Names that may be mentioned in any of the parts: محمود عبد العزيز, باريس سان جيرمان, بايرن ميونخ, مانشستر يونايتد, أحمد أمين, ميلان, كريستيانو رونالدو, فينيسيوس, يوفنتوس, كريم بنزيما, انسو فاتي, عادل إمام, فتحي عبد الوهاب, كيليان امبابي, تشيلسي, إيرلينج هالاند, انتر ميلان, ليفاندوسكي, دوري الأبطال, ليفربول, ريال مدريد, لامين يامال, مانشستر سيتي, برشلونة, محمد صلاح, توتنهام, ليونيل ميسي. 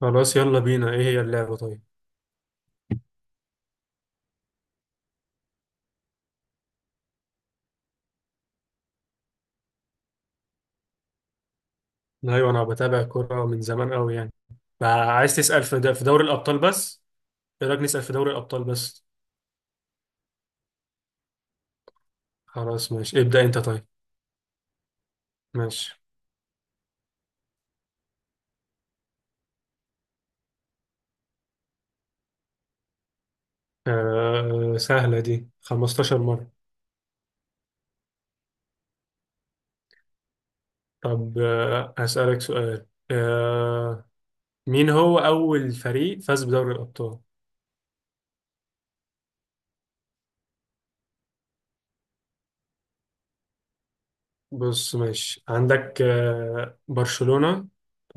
خلاص يلا بينا. ايه هي اللعبة طيب؟ ايوه انا بتابع الكورة من زمان قوي يعني. فعايز تسأل في في دوري الابطال بس؟ ايه رأيك نسأل في دوري الابطال بس؟ خلاص ماشي، ابدأ انت طيب. ماشي. سهلة دي، 15 مرة. طب هسألك سؤال. مين هو اول فريق فاز بدوري الابطال؟ بص، ماشي، عندك برشلونة،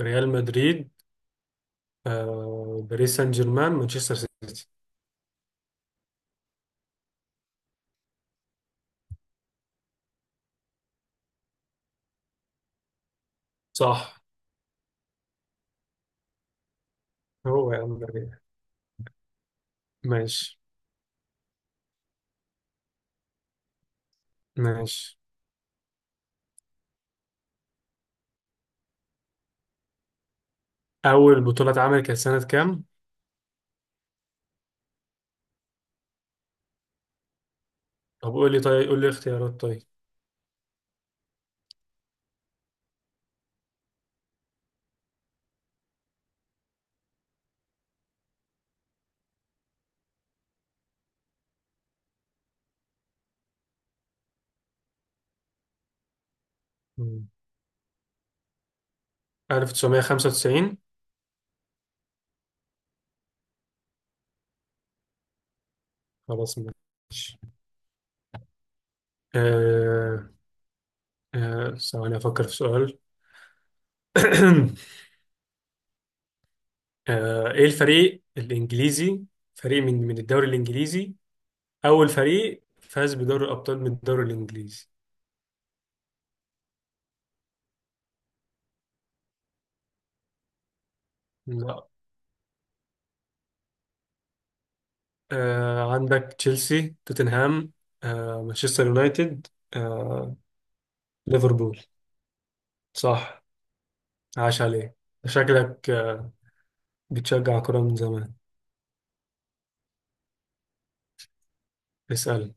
ريال مدريد، باريس سان جيرمان، مانشستر سيتي. صح. هو يا عم. ماشي، ماشي. أول بطولة اتعملت كانت سنة كام؟ طب قول لي، طيب قول لي اختيارات طيب. مم. 1995. خلاص ماشي. آه ثواني أفكر في سؤال. إيه الفريق الإنجليزي، فريق من الدوري الإنجليزي، أول فريق فاز بدوري الأبطال من الدوري الإنجليزي؟ لا. عندك تشيلسي، توتنهام، مانشستر يونايتد، آه ليفربول. صح، عاش عليه. شكلك بتشجع كرة من زمان. اسأل.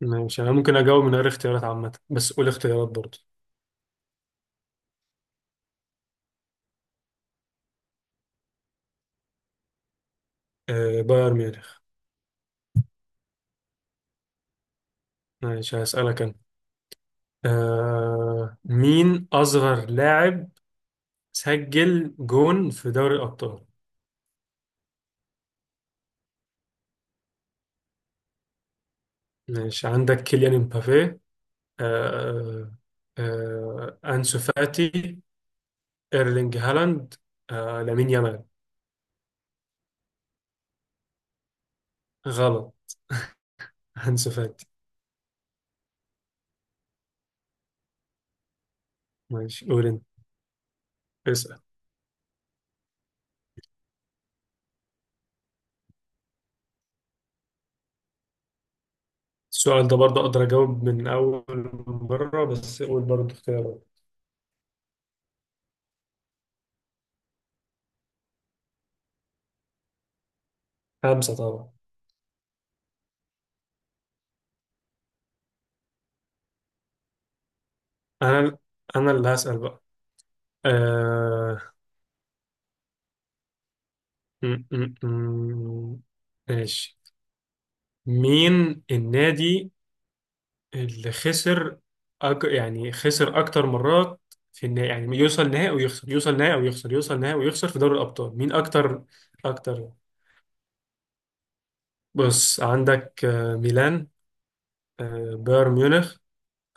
ماشي، أنا ممكن أجاوب من غير اختيارات عامة، بس قول اختيارات برضه. بايرن ميونخ. ماشي، هسألك أنا. مين أصغر لاعب سجل جون في دوري الأبطال؟ ماشي، عندك كيليان امبابي، آه أنسو فاتي، إيرلينج هالاند، لامين يامال. غلط. أنسو فاتي. ماشي، قول أنت، اسأل. السؤال ده برضه أقدر أجاوب من أول مرة، بس قول برضه اختيارات. خمسة طبعا. أنا أنا اللي هسأل بقى. آه... م- م- م- ماشي. مين النادي اللي خسر يعني خسر أكتر مرات في النهائي؟ يعني يوصل نهائي ويخسر، يوصل نهائي ويخسر، يوصل نهائي ويخسر في دوري الأبطال، مين أكتر؟ أكتر. بص، عندك ميلان، بايرن ميونخ،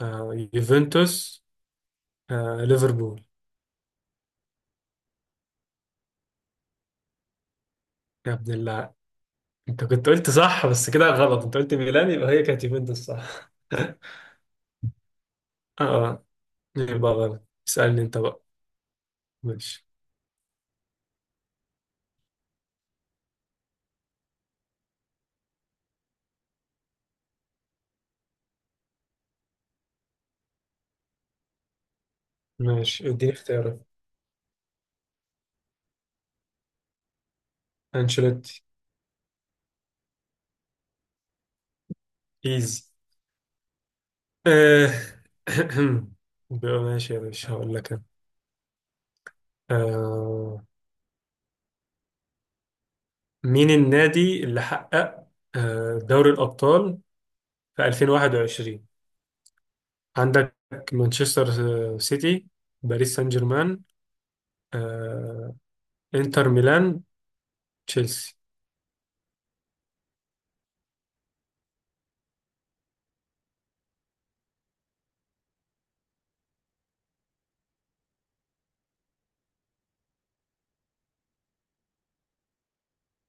يوفنتوس، ليفربول. يا ابن الله، انت كنت قلت صح بس كده غلط، انت قلت ميلان، يبقى هي كانت يوفنتوس صح. اه، يبقى غلط. اسألني انت بقى. ماشي، ماشي. اديني اختيارات. انشيلوتي. ايزي. آه. بقى ماشي يا باشا، هقول لك أنا. آه. مين النادي اللي حقق دوري الأبطال في 2021؟ عندك مانشستر سيتي، باريس سان جيرمان، آه، انتر ميلان، تشيلسي.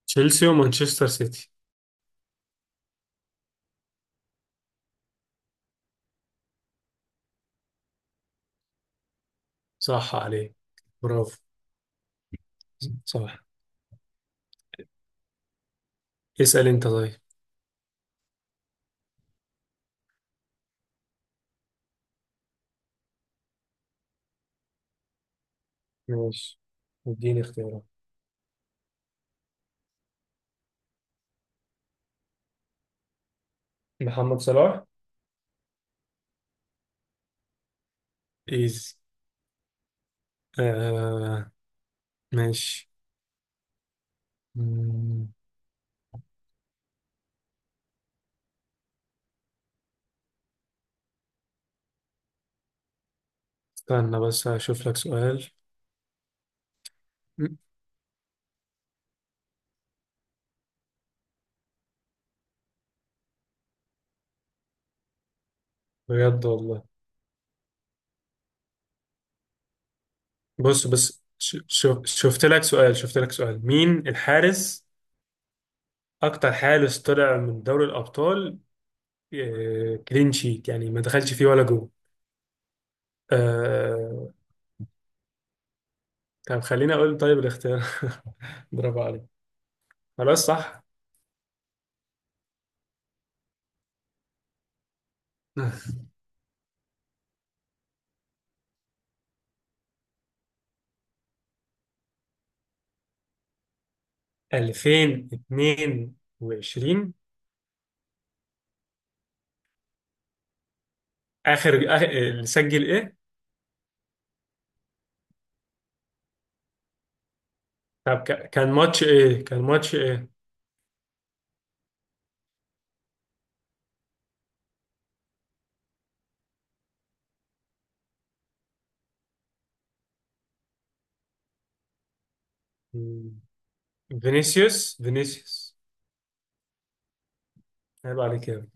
تشيلسي ومانشستر سيتي. صح عليك، برافو، صح. اسأل انت طيب. ماشي، اديني اختيارات. محمد صلاح. ايز. آه ماشي. مم، استنى بس هشوف لك سؤال. مم، بجد والله. بص، بس شوف، شفت لك سؤال، مين الحارس، اكتر حارس طلع من دوري الابطال كلين شيت، يعني ما دخلش فيه ولا جول؟ آه طب خليني اقول طيب الاختيار. برافو عليك، خلاص صح. 2022، اللي سجل ايه؟ طب كان ماتش ايه؟ مم. فينيسيوس فينيسيوس. عيب عليك يا ابني.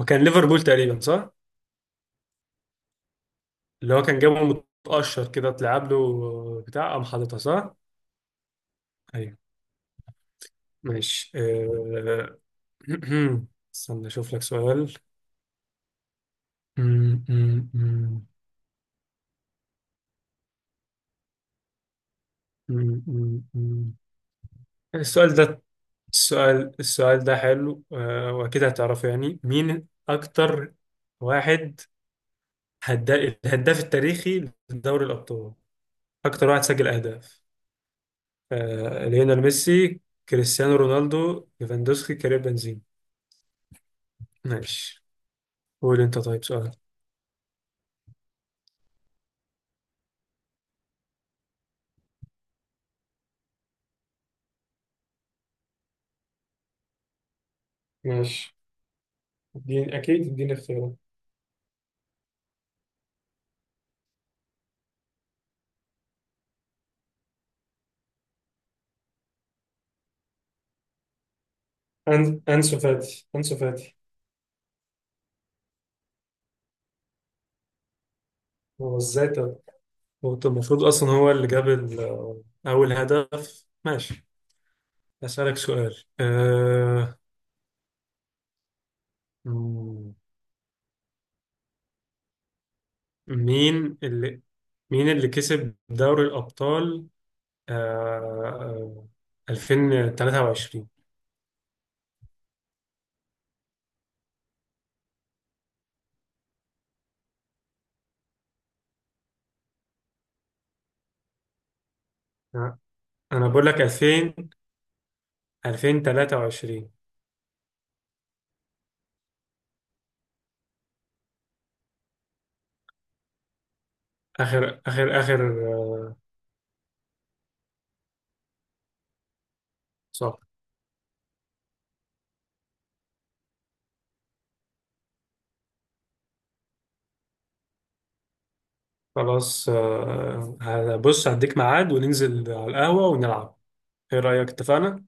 وكان ليفربول تقريبا صح؟ اللي هو كان جابه متقشر كده، اتلعب له، بتاع قام حاططها، صح. ايوه. ماشي. استنى اشوف لك سؤال. مم، مم، مم، مم، مم، مم. السؤال ده السؤال ده حلو. واكيد هتعرفه، يعني مين اكتر واحد، هدا- الهداف التاريخي لدوري الأبطال، أكتر واحد سجل أهداف؟ ليونيل ميسي، كريستيانو رونالدو، ليفاندوسكي، كريم بنزيما. ماشي، قول أنت طيب سؤال. ماشي، اديني اختيارات. أن... انسو فاتي انسو فاتي. هو ازاي طب؟ هو طب المفروض أصلا هو اللي جاب أول هدف، ماشي. أسألك سؤال. أه... مم، مين اللي مين اللي كسب دوري الأبطال آه، 2023؟ آه، انا بقول لك 2000، 2023. اخر آه، صح. خلاص، هبص هديك ميعاد وننزل على القهوة ونلعب. ايه رأيك، اتفقنا؟